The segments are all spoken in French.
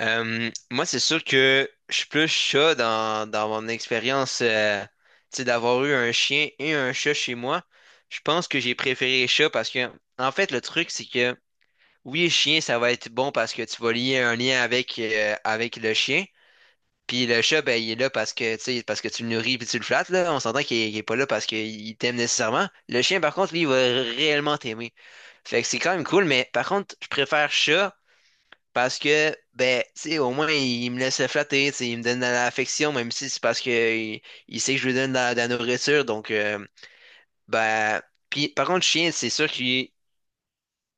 Moi, c'est sûr que je suis plus chat dans mon expérience, tu sais, d'avoir eu un chien et un chat chez moi. Je pense que j'ai préféré les chats parce que, en fait, le truc, c'est que oui, le chien, ça va être bon parce que tu vas lier un lien avec, avec le chien. Puis le chat, ben, il est là parce que, tu sais, parce que tu le nourris puis tu le flattes, là. On s'entend il est pas là parce qu'il t'aime nécessairement. Le chien, par contre, lui, il va réellement t'aimer. Fait que c'est quand même cool, mais par contre, je préfère chat parce que, ben, tu sais, au moins, il me laisse flatter, tu sais, il me donne de l'affection, même si c'est parce que il, il sait que je lui donne de la nourriture. Donc, ben, puis, par contre, chien, c'est sûr qu'il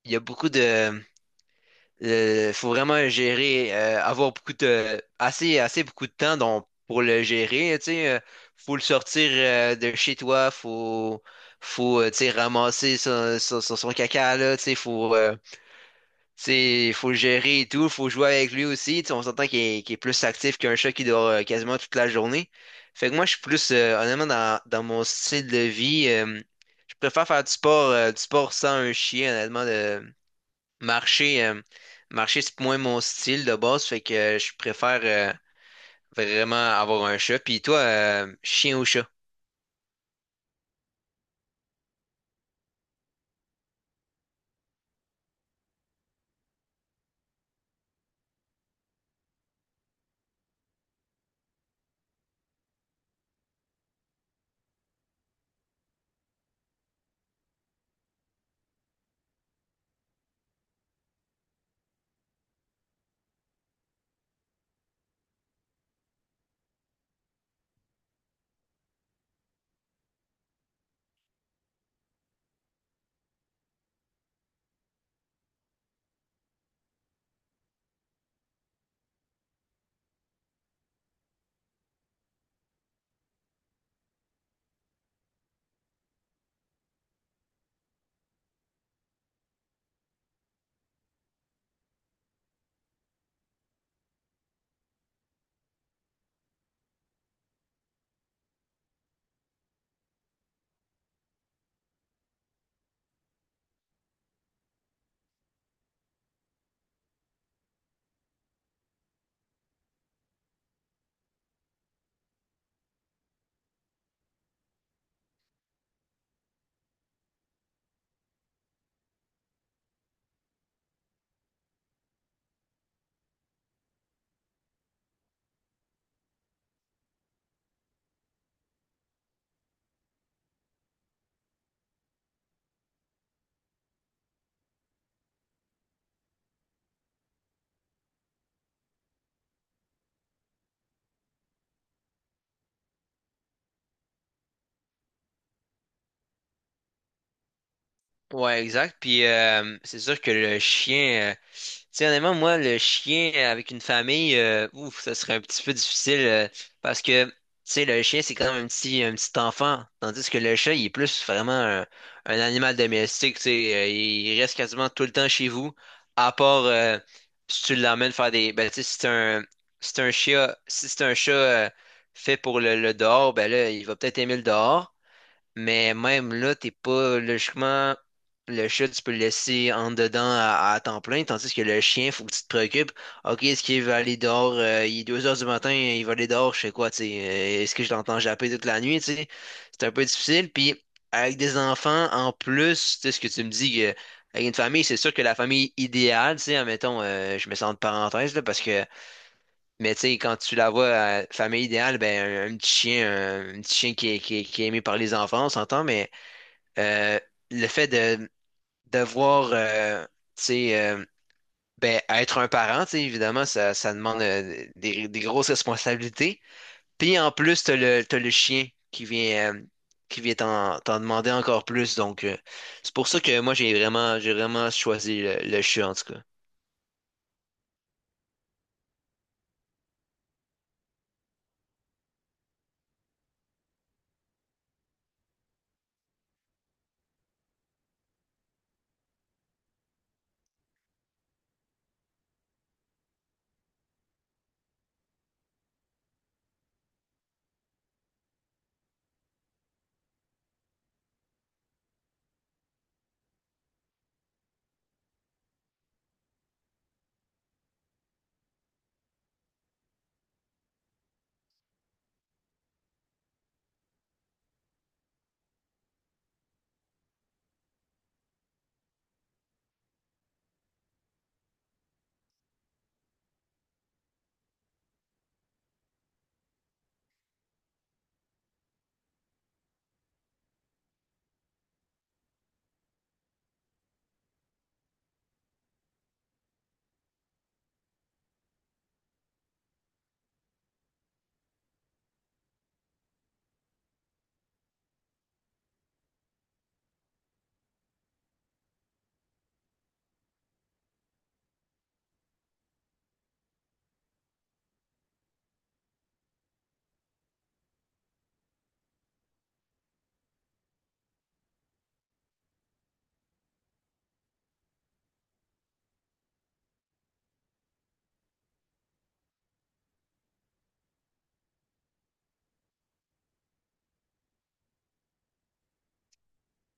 il y a beaucoup de. Faut vraiment gérer, avoir beaucoup de. Assez beaucoup de temps donc, pour le gérer, tu sais. Faut le sortir de chez toi, faut tu sais, ramasser son caca, là, tu sais, faut. Faut le gérer et tout, faut jouer avec lui aussi. Tu sais, on s'entend qu'il est plus actif qu'un chat qui dort quasiment toute la journée. Fait que moi, je suis plus, honnêtement, dans mon style de vie, je préfère faire du sport sans un chien, honnêtement, de marcher, marcher, c'est moins mon style de base. Fait que je préfère vraiment avoir un chat. Puis toi, chien ou chat? Ouais, exact. Puis c'est sûr que le chien, tu sais, honnêtement, moi, le chien avec une famille, ouf, ça serait un petit peu difficile parce que, tu sais, le chien, c'est quand même un petit enfant, tandis que le chat, il est plus vraiment un animal domestique, tu sais, il reste quasiment tout le temps chez vous, à part si tu l'emmènes faire des, ben, tu sais, si c'est un, si c'est un chien, si c'est un chat fait pour le dehors, ben là, il va peut-être aimer le dehors. Mais même là, t'es pas logiquement. Le chat, tu peux le laisser en dedans à temps plein, tandis que le chien, faut que tu te préoccupes. Ok, est-ce qu'il va aller dehors? Il est 2 heures du matin, il va aller dehors, je sais quoi, tu sais. Est-ce que je l'entends japper toute la nuit, tu sais? C'est un peu difficile. Puis, avec des enfants, en plus, tu sais, ce que tu me dis, que, avec une famille, c'est sûr que la famille idéale, tu sais, admettons, je me sens de parenthèse, là, parce que, mais tu sais, quand tu la vois, famille idéale, ben, un petit chien, un petit chien qui est aimé par les enfants, on s'entend, mais euh, le fait de devoir tu sais, ben, être un parent, tu sais, évidemment, ça demande des grosses responsabilités. Puis en plus, t'as le chien qui vient t'en demander encore plus. Donc, c'est pour ça que moi, j'ai vraiment choisi le chien, en tout cas.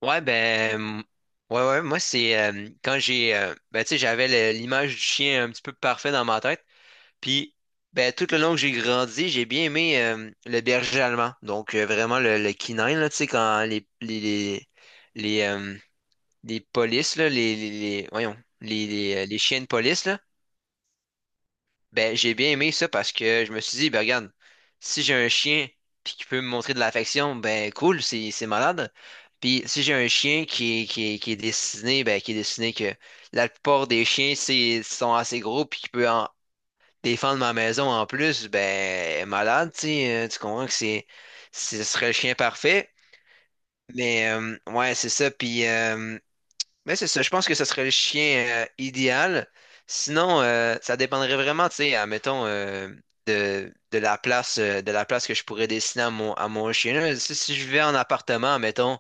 Ouais, ben, ouais, moi, c'est quand j'ai, ben, tu sais, j'avais l'image du chien un petit peu parfait dans ma tête. Puis, ben, tout le long que j'ai grandi, j'ai bien aimé le berger allemand. Donc, vraiment le canine, là, tu sais, quand les, euh, les polices, là, voyons, les chiens de police, là, ben, j'ai bien aimé ça parce que je me suis dit, ben, regarde, si j'ai un chien puis qui peut me montrer de l'affection, ben, cool, c'est malade. Puis, si j'ai un chien qui est dessiné, ben, qui est dessiné que la plupart des chiens, c'est, sont assez gros puis qui peut en, défendre ma maison en plus, ben, elle est malade, tu sais, tu comprends que c'est, ce serait le chien parfait. Mais ouais, c'est ça. Puis mais c'est ça, je pense que ce serait le chien idéal. Sinon, ça dépendrait vraiment, tu sais, admettons, de la place que je pourrais dessiner à mon chien. Là, si, si je vais en appartement, admettons,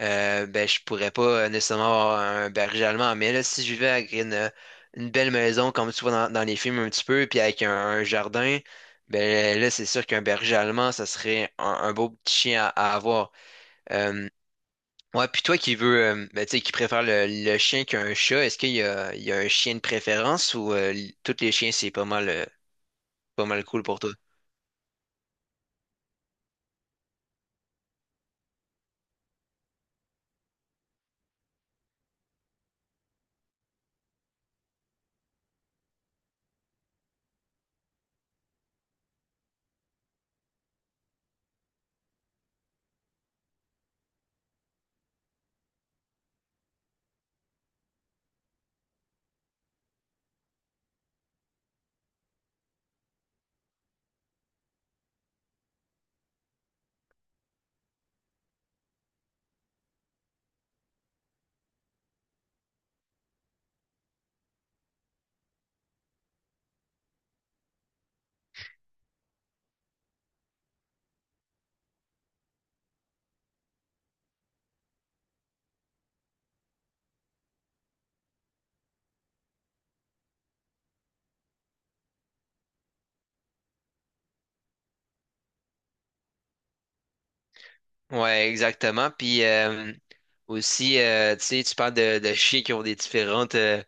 ben, je pourrais pas nécessairement avoir un berger allemand. Mais là, si je vivais avec une belle maison, comme tu vois dans les films un petit peu, puis avec un jardin, ben là, c'est sûr qu'un berger allemand, ça serait un beau petit chien à avoir. Euh, Ouais, puis toi qui veux, ben, tu sais, qui préfère le chien qu'un chat, est-ce qu'il y a, il y a un chien de préférence ou tous les chiens, c'est pas mal, pas mal cool pour toi? Ouais, exactement. Puis aussi, tu sais, tu parles de chiens qui ont des différentes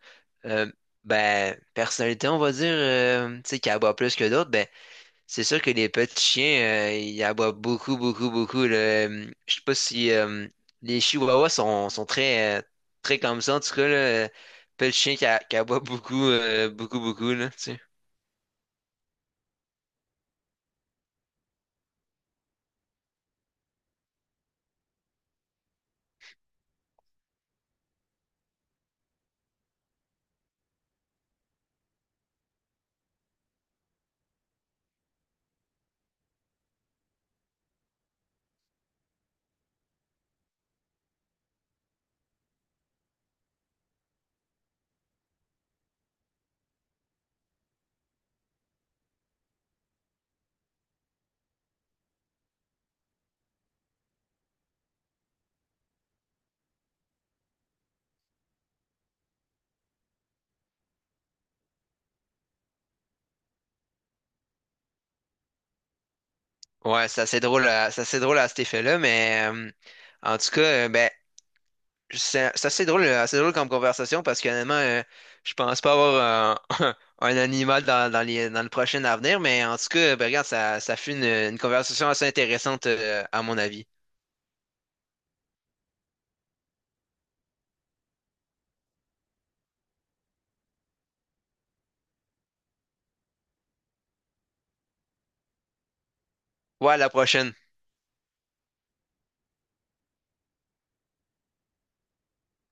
euh, ben, personnalités, on va dire, tu sais, qui aboient plus que d'autres. C'est sûr que les petits chiens, ils aboient beaucoup, beaucoup, beaucoup là. Je sais pas si les chihuahuas sont très, très comme ça. En tout cas, là, euh, petit chien qui aboie beaucoup, beaucoup, beaucoup, là, tu sais. Ouais, c'est assez drôle à cet effet-là, mais en tout cas, ben, c'est assez drôle comme conversation parce que euh, je pense pas avoir un, un animal dans le prochain avenir, mais en tout cas, ben, regarde, ça fut une conversation assez intéressante, à mon avis. Ouais, à la prochaine.